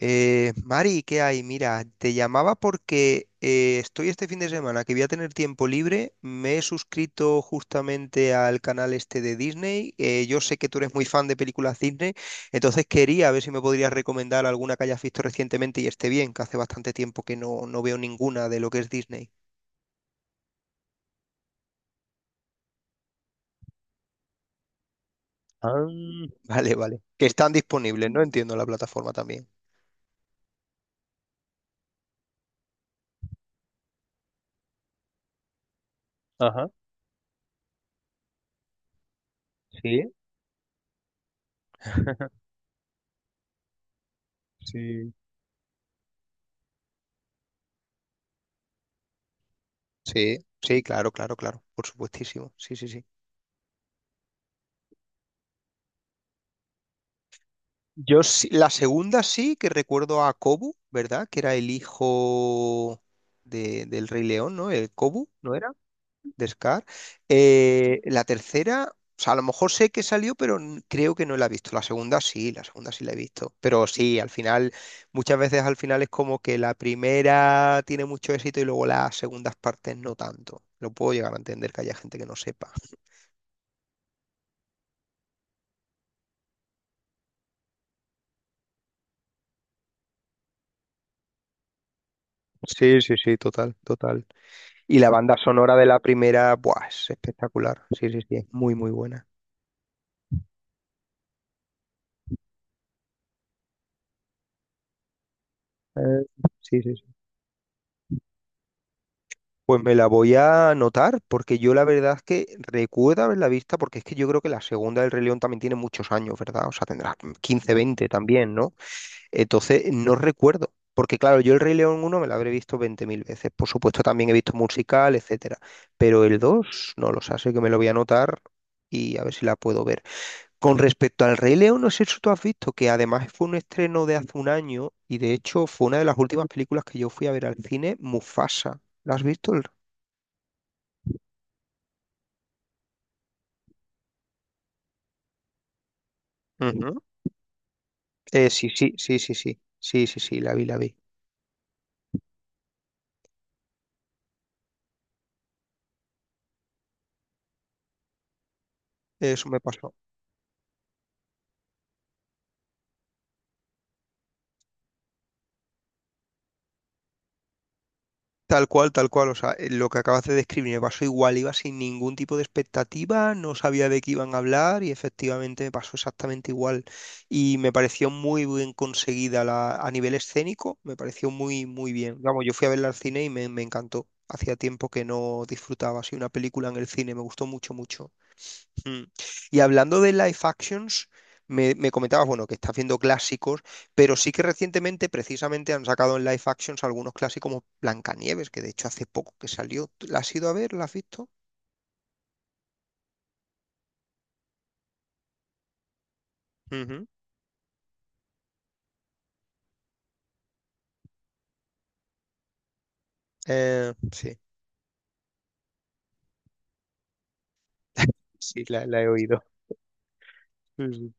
Mari, ¿qué hay? Mira, te llamaba porque estoy este fin de semana que voy a tener tiempo libre. Me he suscrito justamente al canal este de Disney. Yo sé que tú eres muy fan de películas Disney, entonces quería ver si me podrías recomendar alguna que hayas visto recientemente y esté bien, que hace bastante tiempo que no veo ninguna de lo que es Disney. Ah. Vale, vale. Que están disponibles, ¿no? Entiendo la plataforma también. Ajá, sí. Sí. Sí, sí, claro, claro, claro, por supuestísimo. Sí, sí, sí. La segunda sí que recuerdo a Kobu, ¿verdad? Que era el hijo del Rey León, ¿no? El Kobu, ¿no era? De Scar. La tercera, o sea, a lo mejor sé que salió, pero creo que no la he visto. La segunda sí, la segunda sí la he visto. Pero sí, al final, muchas veces al final es como que la primera tiene mucho éxito y luego las segundas partes no tanto. Lo puedo llegar a entender que haya gente que no sepa. Sí, sí, sí, total, total. Y la banda sonora de la primera, buah, es espectacular. Sí, sí, sí, es muy, muy buena. Eh, sí, sí, sí. Pues me la voy a anotar, porque yo la verdad es que recuerdo haberla vista, porque es que yo creo que la segunda del Rey León también tiene muchos años, ¿verdad? O sea, tendrá 15 20 también, ¿no? Entonces, no recuerdo. Porque claro, yo el Rey León uno me la habré visto 20.000 veces. Por supuesto, también he visto musical, etcétera. Pero el 2 no lo sé, así que me lo voy a anotar y a ver si la puedo ver. Con respecto al Rey León, no sé si tú has visto que además fue un estreno de hace un año y de hecho fue una de las últimas películas que yo fui a ver al cine, Mufasa. ¿La has visto? Ujú. Sí, sí, sí, sí, sí, sí, sí, sí, la vi, la vi. Eso me pasó. Tal cual, tal cual. O sea, lo que acabas de describir me pasó igual. Iba sin ningún tipo de expectativa, no sabía de qué iban a hablar y efectivamente me pasó exactamente igual. Y me pareció muy bien conseguida a nivel escénico, me pareció muy, muy bien. Vamos, yo fui a verla al cine y me encantó. Hacía tiempo que no disfrutaba así una película en el cine, me gustó mucho, mucho. Mm. Y hablando de live actions, me comentabas, bueno, que estás viendo clásicos, pero sí que recientemente precisamente han sacado en live actions algunos clásicos como Blancanieves, que de hecho hace poco que salió. ¿La has ido a ver? ¿La has visto? Ujú. Sí, sí, la he oído. Sí,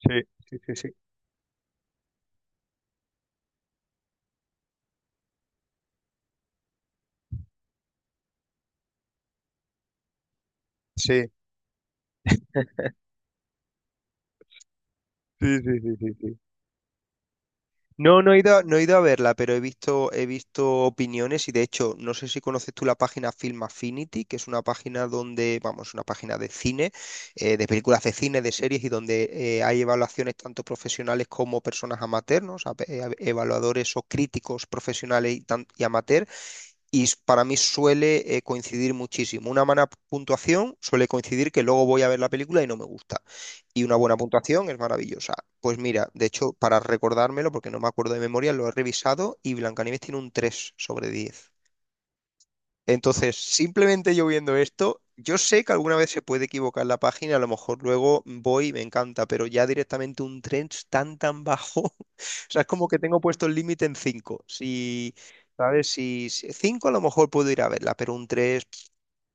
sí, sí, sí, sí, sí, sí, sí, sí, sí, sí, sí. No, no he ido, no he ido a verla, pero he visto opiniones y de hecho, no sé si conoces tú la página Film Affinity, que es una página donde, vamos, una página de cine, de películas de cine, de series y donde hay evaluaciones tanto profesionales como personas amateurs, ¿no? O sea, evaluadores o críticos profesionales y, y amateur. Para mí suele coincidir muchísimo. Una mala puntuación suele coincidir que luego voy a ver la película y no me gusta y una buena puntuación es maravillosa. Pues mira, de hecho, para recordármelo, porque no me acuerdo de memoria, lo he revisado y Blancanieves tiene un 3 sobre 10. Entonces, simplemente yo viendo esto, yo sé que alguna vez se puede equivocar la página, a lo mejor luego voy y me encanta, pero ya directamente un 3 tan tan bajo, o sea, es como que tengo puesto el límite en 5. Si, ¿sabes? 5 a lo mejor puedo ir a verla, pero un 3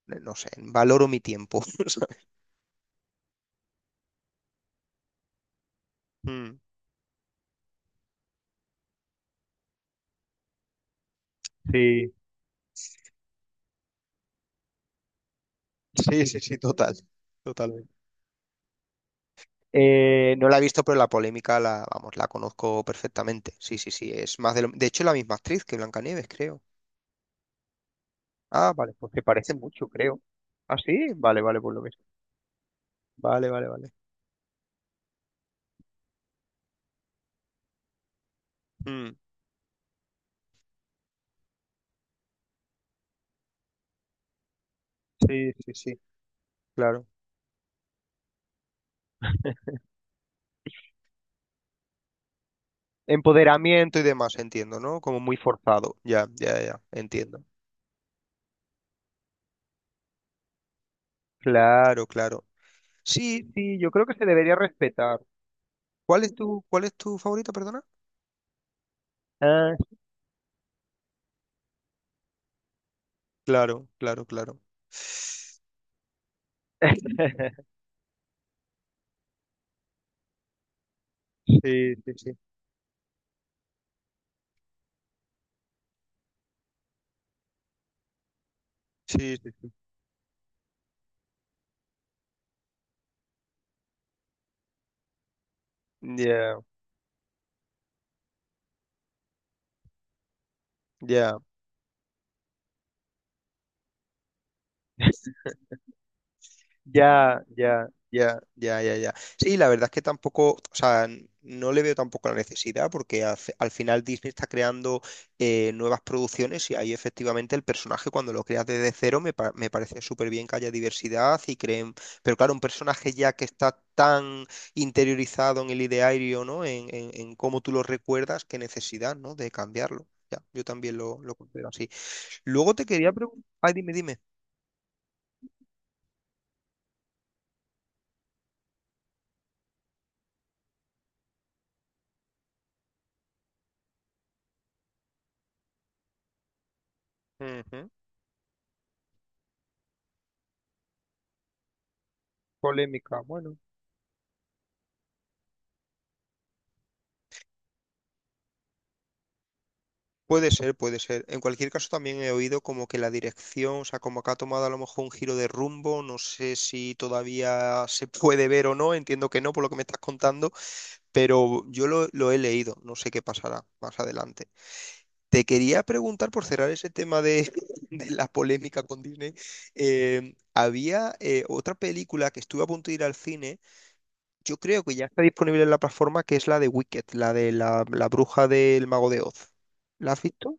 no sé, valoro mi tiempo. ¿Sabes? Mm. Sí, sí, sí, sí, total, totalmente. No la he visto, pero la polémica la, vamos, la conozco perfectamente. Sí, sí, sí, es más de lo... De hecho, es la misma actriz que Blancanieves, creo. Ah, vale, pues se parecen mucho, creo. ¿Ah, sí? Vale, vale, por lo mismo. Vale, vale, vale. Mm, sí, sí, sí, claro. Empoderamiento y demás, entiendo, ¿no? Como muy forzado. Ya, ya, ya, entiendo. Claro, claro. Sí, sí, yo creo que se debería respetar. ¿Cuál es tu favorita, perdona? Ah, claro, claro, claro. Sí, sí, sí. Sí, sí, sí. Ya, ya. Ya, ya, ya, ya, ya, ya. Sí, la verdad es que tampoco, o sea, no le veo tampoco la necesidad porque al final Disney está creando nuevas producciones y ahí efectivamente el personaje cuando lo creas desde cero me parece súper bien que haya diversidad y creen, pero claro, un personaje ya que está tan interiorizado en el ideario, ¿no? En cómo tú lo recuerdas, qué necesidad, ¿no? De cambiarlo. Ya, yo también lo considero así. Luego te quería preguntar, ay, dime, dime. Ujú. Polémica, bueno. Puede ser, puede ser. En cualquier caso, también he oído como que la dirección, o sea, como que ha tomado a lo mejor un giro de rumbo. No sé si todavía se puede ver o no. Entiendo que no, por lo que me estás contando, pero yo lo he leído. No sé qué pasará más adelante. Te quería preguntar, por cerrar ese tema de, de la polémica con Disney, había otra película que estuve a punto de ir al cine. Yo creo que ya está disponible en la plataforma que es la de Wicked, la de la bruja del mago de Oz. ¿La has visto?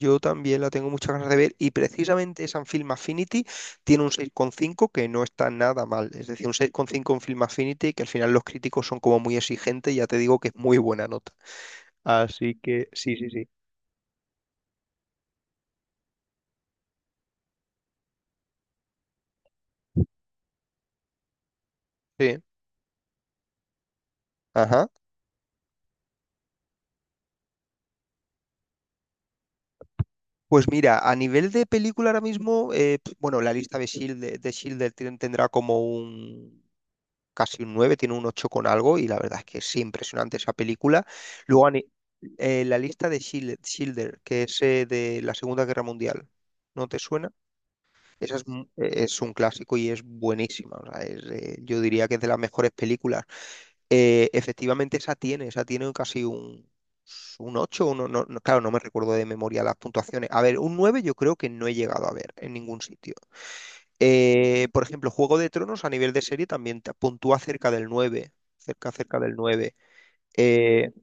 Yo también la tengo muchas ganas de ver y precisamente esa en Film Affinity tiene un 6,5 que no está nada mal. Es decir, un seis coma cinco en Film Affinity que al final los críticos son como muy exigentes, ya te digo que es muy buena nota. Así que sí, sí, sí. Sí. Ajá. Pues mira, a nivel de película ahora mismo, bueno, la lista de Shield, de Schindler tendrá como un casi un 9, tiene un 8 con algo y la verdad es que es impresionante esa película. Luego ani- la lista de Schindler, que es de la Segunda Guerra Mundial, ¿no te suena? Esa es un clásico y es buenísima. O sea, yo diría que es de las mejores películas. Efectivamente esa tiene casi un... Un 8 no, claro, no me recuerdo de memoria las puntuaciones. A ver, un 9 yo creo que no he llegado a ver en ningún sitio. Por ejemplo, Juego de Tronos a nivel de serie también te puntúa cerca del 9, cerca del 9. Eh,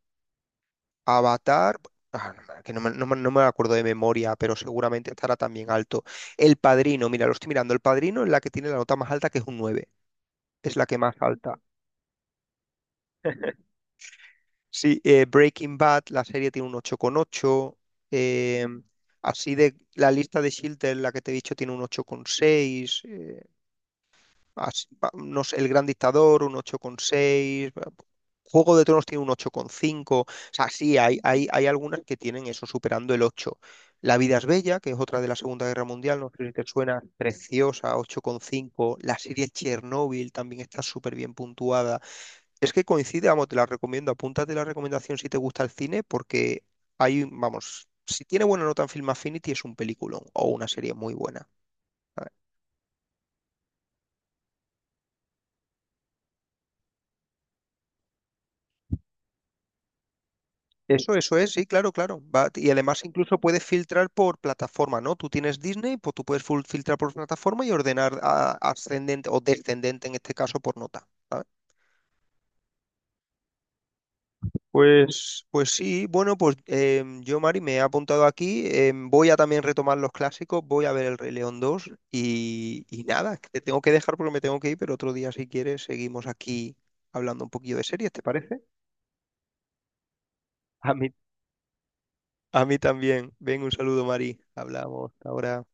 Avatar, ah, no me- que no me, no me- no me acuerdo de memoria, pero seguramente estará también alto. El Padrino, mira, lo estoy mirando, El Padrino es la que tiene la nota más alta, que es un 9. Es la que más alta. Sí, Breaking Bad, la serie tiene un 8,8. eh, Así de la lista de Schindler, la que te he dicho, tiene un 8,6. No sé, El Gran Dictador, un 8,6. Juego de Tronos tiene un 8,5. O sea, sí, hay algunas que tienen eso, superando el 8. La vida es bella, que es otra de la Segunda Guerra Mundial, no sé si te suena, preciosa, 8,5. La serie Chernobyl también está súper bien puntuada. Es que coincide, vamos, te la recomiendo. Apúntate la recomendación si te gusta el cine, porque hay, vamos, si tiene buena nota en Film Affinity es un peliculón o una serie muy buena. Eso es, sí, claro, claro. Y además incluso puedes filtrar por plataforma, ¿no? Tú tienes Disney, pues tú puedes filtrar por plataforma y ordenar ascendente o descendente en este caso por nota, ¿sabes? Pues sí, bueno, pues yo, Mari, me he apuntado aquí. Voy a también retomar los clásicos, voy a ver El Rey León 2 y nada, que te tengo que dejar porque me tengo que ir, pero otro día, si quieres, seguimos aquí hablando un poquillo de series, ¿te parece? A mí, a mí también. Ven, un saludo, Mari. Hablamos hasta ahora.